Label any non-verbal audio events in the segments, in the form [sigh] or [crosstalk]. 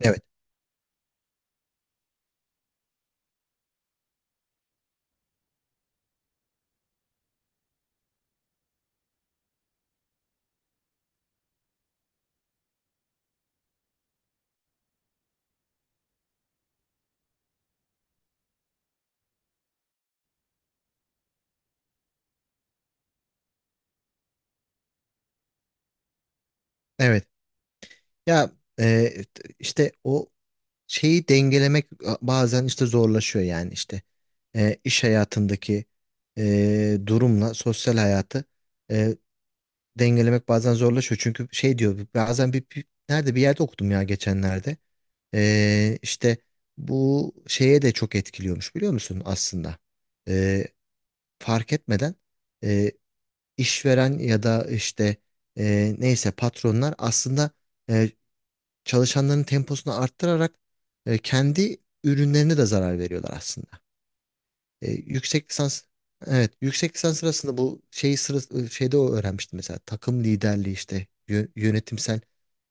Evet, evet. Ya, e, işte o şeyi dengelemek bazen işte zorlaşıyor yani işte. İş hayatındaki durumla sosyal hayatı, e, dengelemek bazen zorlaşıyor. Çünkü şey diyor bazen, nerede bir yerde okudum ya, geçenlerde. İşte bu şeye de çok etkiliyormuş, biliyor musun, aslında. E, Fark etmeden, e, işveren ya da işte, neyse, patronlar aslında çalışanların temposunu arttırarak kendi ürünlerine de zarar veriyorlar aslında. E, yüksek lisans Evet, yüksek lisans sırasında şeyde o öğrenmiştim, mesela takım liderliği işte yönetimsel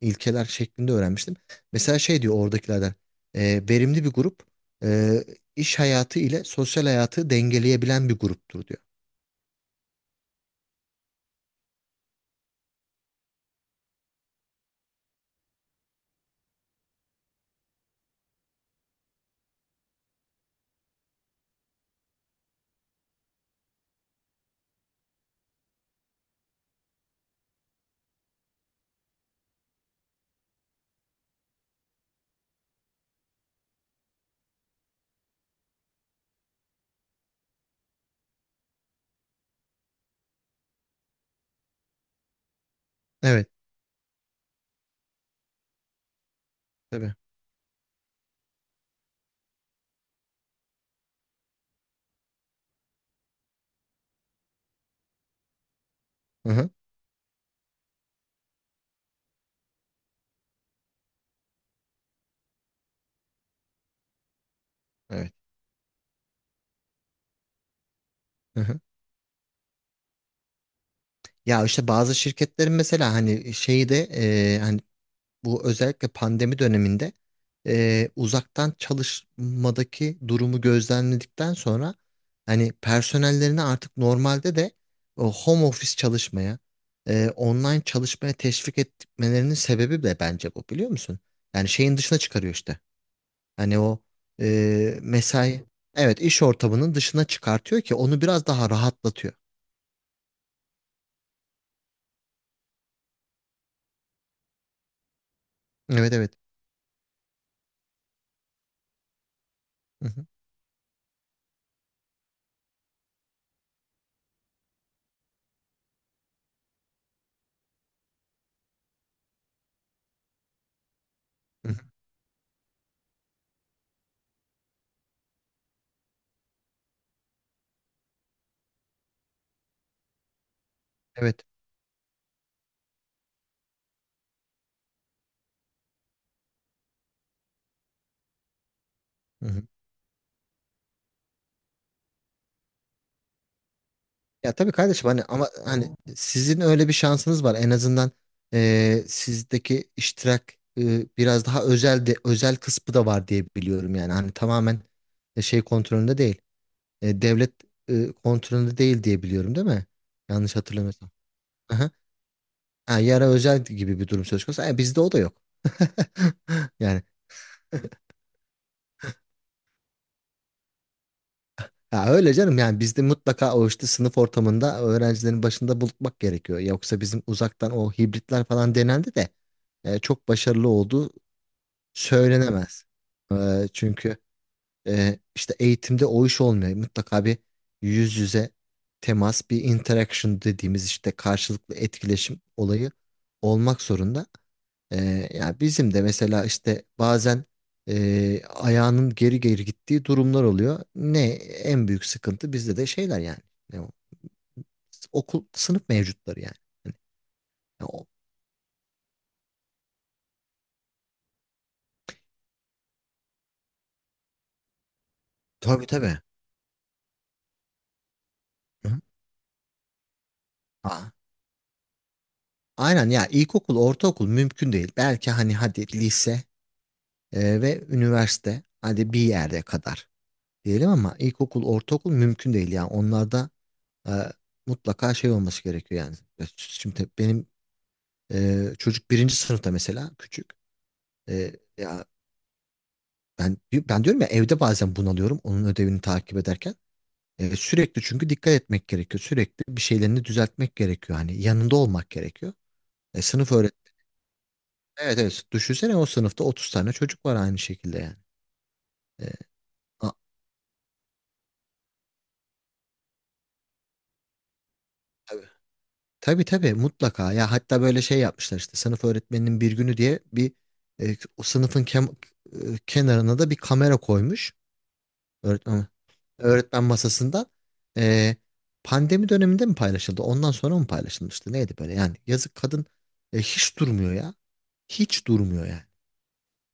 ilkeler şeklinde öğrenmiştim. Mesela şey diyor oradakilerden, verimli bir grup e, iş hayatı ile sosyal hayatı dengeleyebilen bir gruptur diyor. Evet, tabii. Hı hı. Evet. Hı hı. Ya işte bazı şirketlerin, mesela hani şeyi de, hani bu özellikle pandemi döneminde uzaktan çalışmadaki durumu gözlemledikten sonra hani personellerini artık normalde de o home office çalışmaya, online çalışmaya teşvik etmelerinin sebebi de bence bu, biliyor musun? Yani şeyin dışına çıkarıyor işte. Hani o, mesai, evet, iş ortamının dışına çıkartıyor ki onu biraz daha rahatlatıyor. Evet, evet. Hı hı, hı hı. Evet. Hı hı. Ya tabii kardeşim, hani ama hani sizin öyle bir şansınız var. En azından sizdeki iştirak biraz daha özel de, özel kısmı da var diye biliyorum yani. Hani tamamen şey kontrolünde değil. Devlet kontrolünde değil diye biliyorum, değil mi? Yanlış hatırlamıyorsam. Aha. Ha, yara özel gibi bir durum söz konusu. Ha, bizde o da yok. [laughs] Yani, ya, öyle canım yani. Bizde mutlaka o işte sınıf ortamında öğrencilerin başında bulutmak gerekiyor. Yoksa bizim uzaktan o hibritler falan denendi de çok başarılı olduğu söylenemez. Çünkü işte eğitimde o iş olmuyor. Mutlaka bir yüz yüze temas, bir interaction dediğimiz işte karşılıklı etkileşim olayı olmak zorunda. Ya bizim de mesela işte bazen ayağının geri geri gittiği durumlar oluyor. En büyük sıkıntı bizde de şeyler yani. Ne o? Okul, sınıf mevcutları yani. Hani, ya o, tabii, tabii. Hı. Aa, aynen ya, ilkokul, ortaokul mümkün değil. Belki hani hadi lise ve üniversite, hadi bir yerde kadar diyelim, ama ilkokul, ortaokul mümkün değil yani. Onlarda e, mutlaka şey olması gerekiyor yani. Şimdi benim çocuk birinci sınıfta, mesela küçük. Ya, ben diyorum ya, evde bazen bunalıyorum onun ödevini takip ederken. Sürekli çünkü dikkat etmek gerekiyor. Sürekli bir şeylerini düzeltmek gerekiyor. Hani yanında olmak gerekiyor. E, sınıf öğret. Evet, evet. Düşünsene, o sınıfta 30 tane çocuk var aynı şekilde yani. E, a- tabii. Tabii, tabii, mutlaka. Ya hatta böyle şey yapmışlar, işte sınıf öğretmeninin bir günü diye bir, o sınıfın e, kenarına da bir kamera koymuş. Öğretmen öğretmen masasında, e, pandemi döneminde mi paylaşıldı? Ondan sonra mı paylaşılmıştı? Neydi böyle yani? Yazık, kadın hiç durmuyor ya. Hiç durmuyor yani.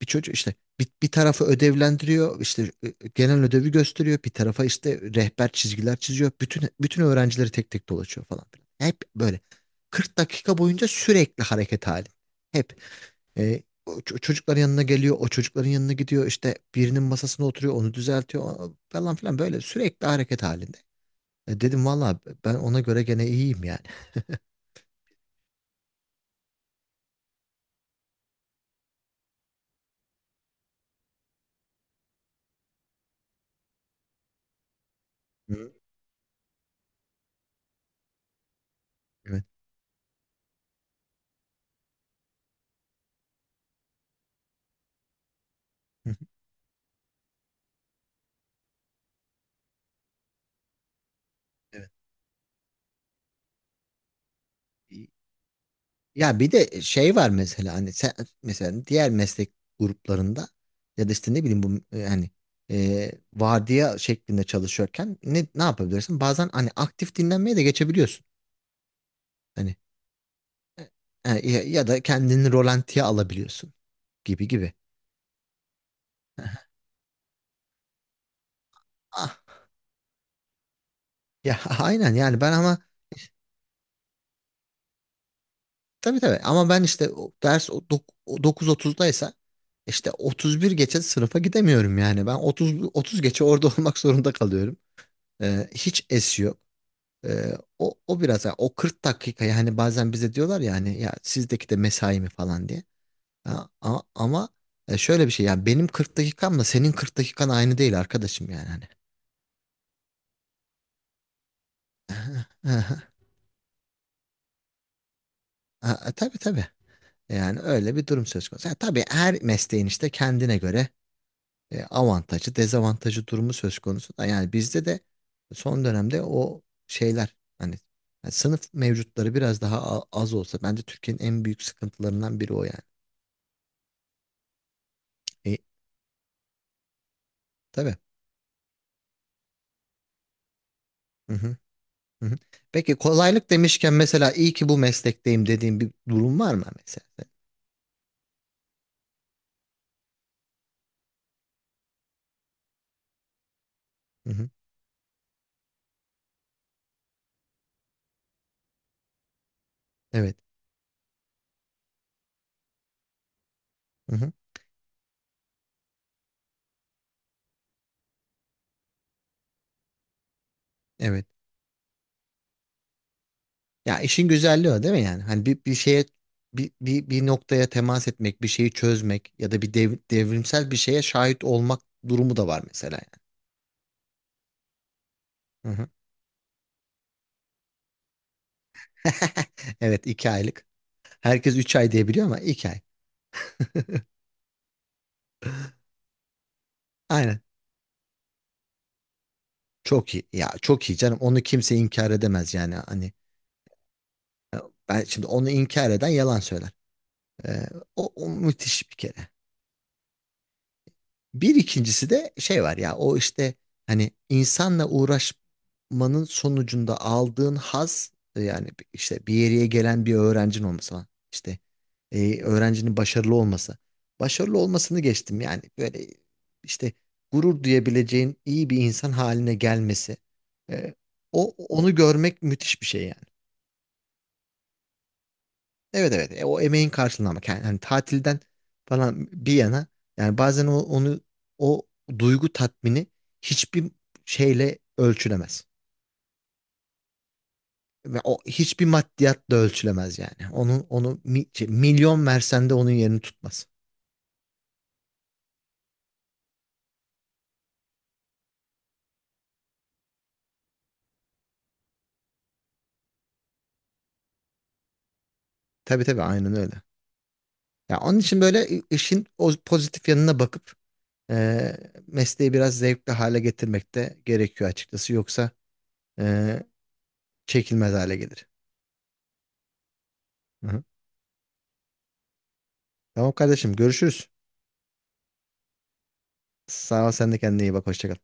Bir çocuk işte, bir tarafı ödevlendiriyor, işte genel ödevi gösteriyor. Bir tarafa işte rehber çizgiler çiziyor. Bütün öğrencileri tek tek dolaşıyor falan filan. Hep böyle 40 dakika boyunca sürekli hareket hali. Hep. O çocukların yanına geliyor, o çocukların yanına gidiyor, işte birinin masasına oturuyor, onu düzeltiyor falan filan, böyle sürekli hareket halinde. Dedim valla, ben ona göre gene iyiyim yani. Hı. Evet. Hı hı, evet. İyi. Ya bir de şey var mesela, hani sen mesela diğer meslek gruplarında ya da işte ne bileyim, bu yani vardiya şeklinde çalışıyorken ne yapabilirsin? Bazen hani aktif dinlenmeye de geçebiliyorsun. Hani ya da kendini rolantiye alabiliyorsun gibi gibi. [laughs] Ya, [laughs] aynen yani, ben ama tabii, tabii, ama ben işte o ders o 9.30'daysa işte 31 geçe sınıfa gidemiyorum yani. Ben 30, 30 geçe orada [laughs] olmak zorunda kalıyorum. Hiç es yok. O biraz, yani o 40 dakika, yani bazen bize diyorlar ya, hani ya sizdeki de mesai mi falan diye. Ha, ama şöyle bir şey yani, benim 40 dakikamla senin 40 dakikan aynı değil arkadaşım yani hani. [laughs] Ha, tabii, tabii. Yani öyle bir durum söz konusu. Ha, tabii her mesleğin işte kendine göre avantajı, dezavantajı durumu söz konusu da, yani bizde de son dönemde o şeyler, hani yani sınıf mevcutları biraz daha az olsa, bence Türkiye'nin en büyük sıkıntılarından biri o yani. E, tabii. Hı hı, hı hı. Peki, kolaylık demişken, mesela iyi ki bu meslekteyim dediğim bir durum var mı, mesela? Hı hı. Evet. Hı hı. Evet. Ya işin güzelliği o değil mi yani? Hani bir şeye, bir noktaya temas etmek, bir şeyi çözmek ya da bir devrimsel bir şeye şahit olmak durumu da var, mesela yani. [laughs] Evet, 2 aylık. Herkes 3 ay diyebiliyor, ama 2 ay. [laughs] Aynen. Çok iyi. Ya çok iyi canım. Onu kimse inkar edemez yani. Hani e, ben şimdi onu inkar eden yalan söyler. E, o müthiş bir kere. Bir ikincisi de şey var ya, o işte hani insanla uğraşmanın sonucunda aldığın haz, yani işte bir yere gelen bir öğrencin olması falan. İşte öğrencinin başarılı olması. Başarılı olmasını geçtim yani, böyle işte gurur duyabileceğin iyi bir insan haline gelmesi. E, o Onu görmek müthiş bir şey yani. Evet, evet. O emeğin karşılığını, ama yani hani, tatilden falan bir yana, yani bazen o, o duygu tatmini hiçbir şeyle ölçülemez. Ve o hiçbir maddiyatla ölçülemez yani. Onun milyon versen de onun yerini tutmaz. Tabii, tabii, aynen öyle. Ya onun için böyle işin o pozitif yanına bakıp e, mesleği biraz zevkli hale getirmek de gerekiyor açıkçası. Yoksa e, çekilmez hale gelir. Hı hı. Tamam kardeşim, görüşürüz. Sağ ol, sen de kendine iyi bak. Hoşça kal.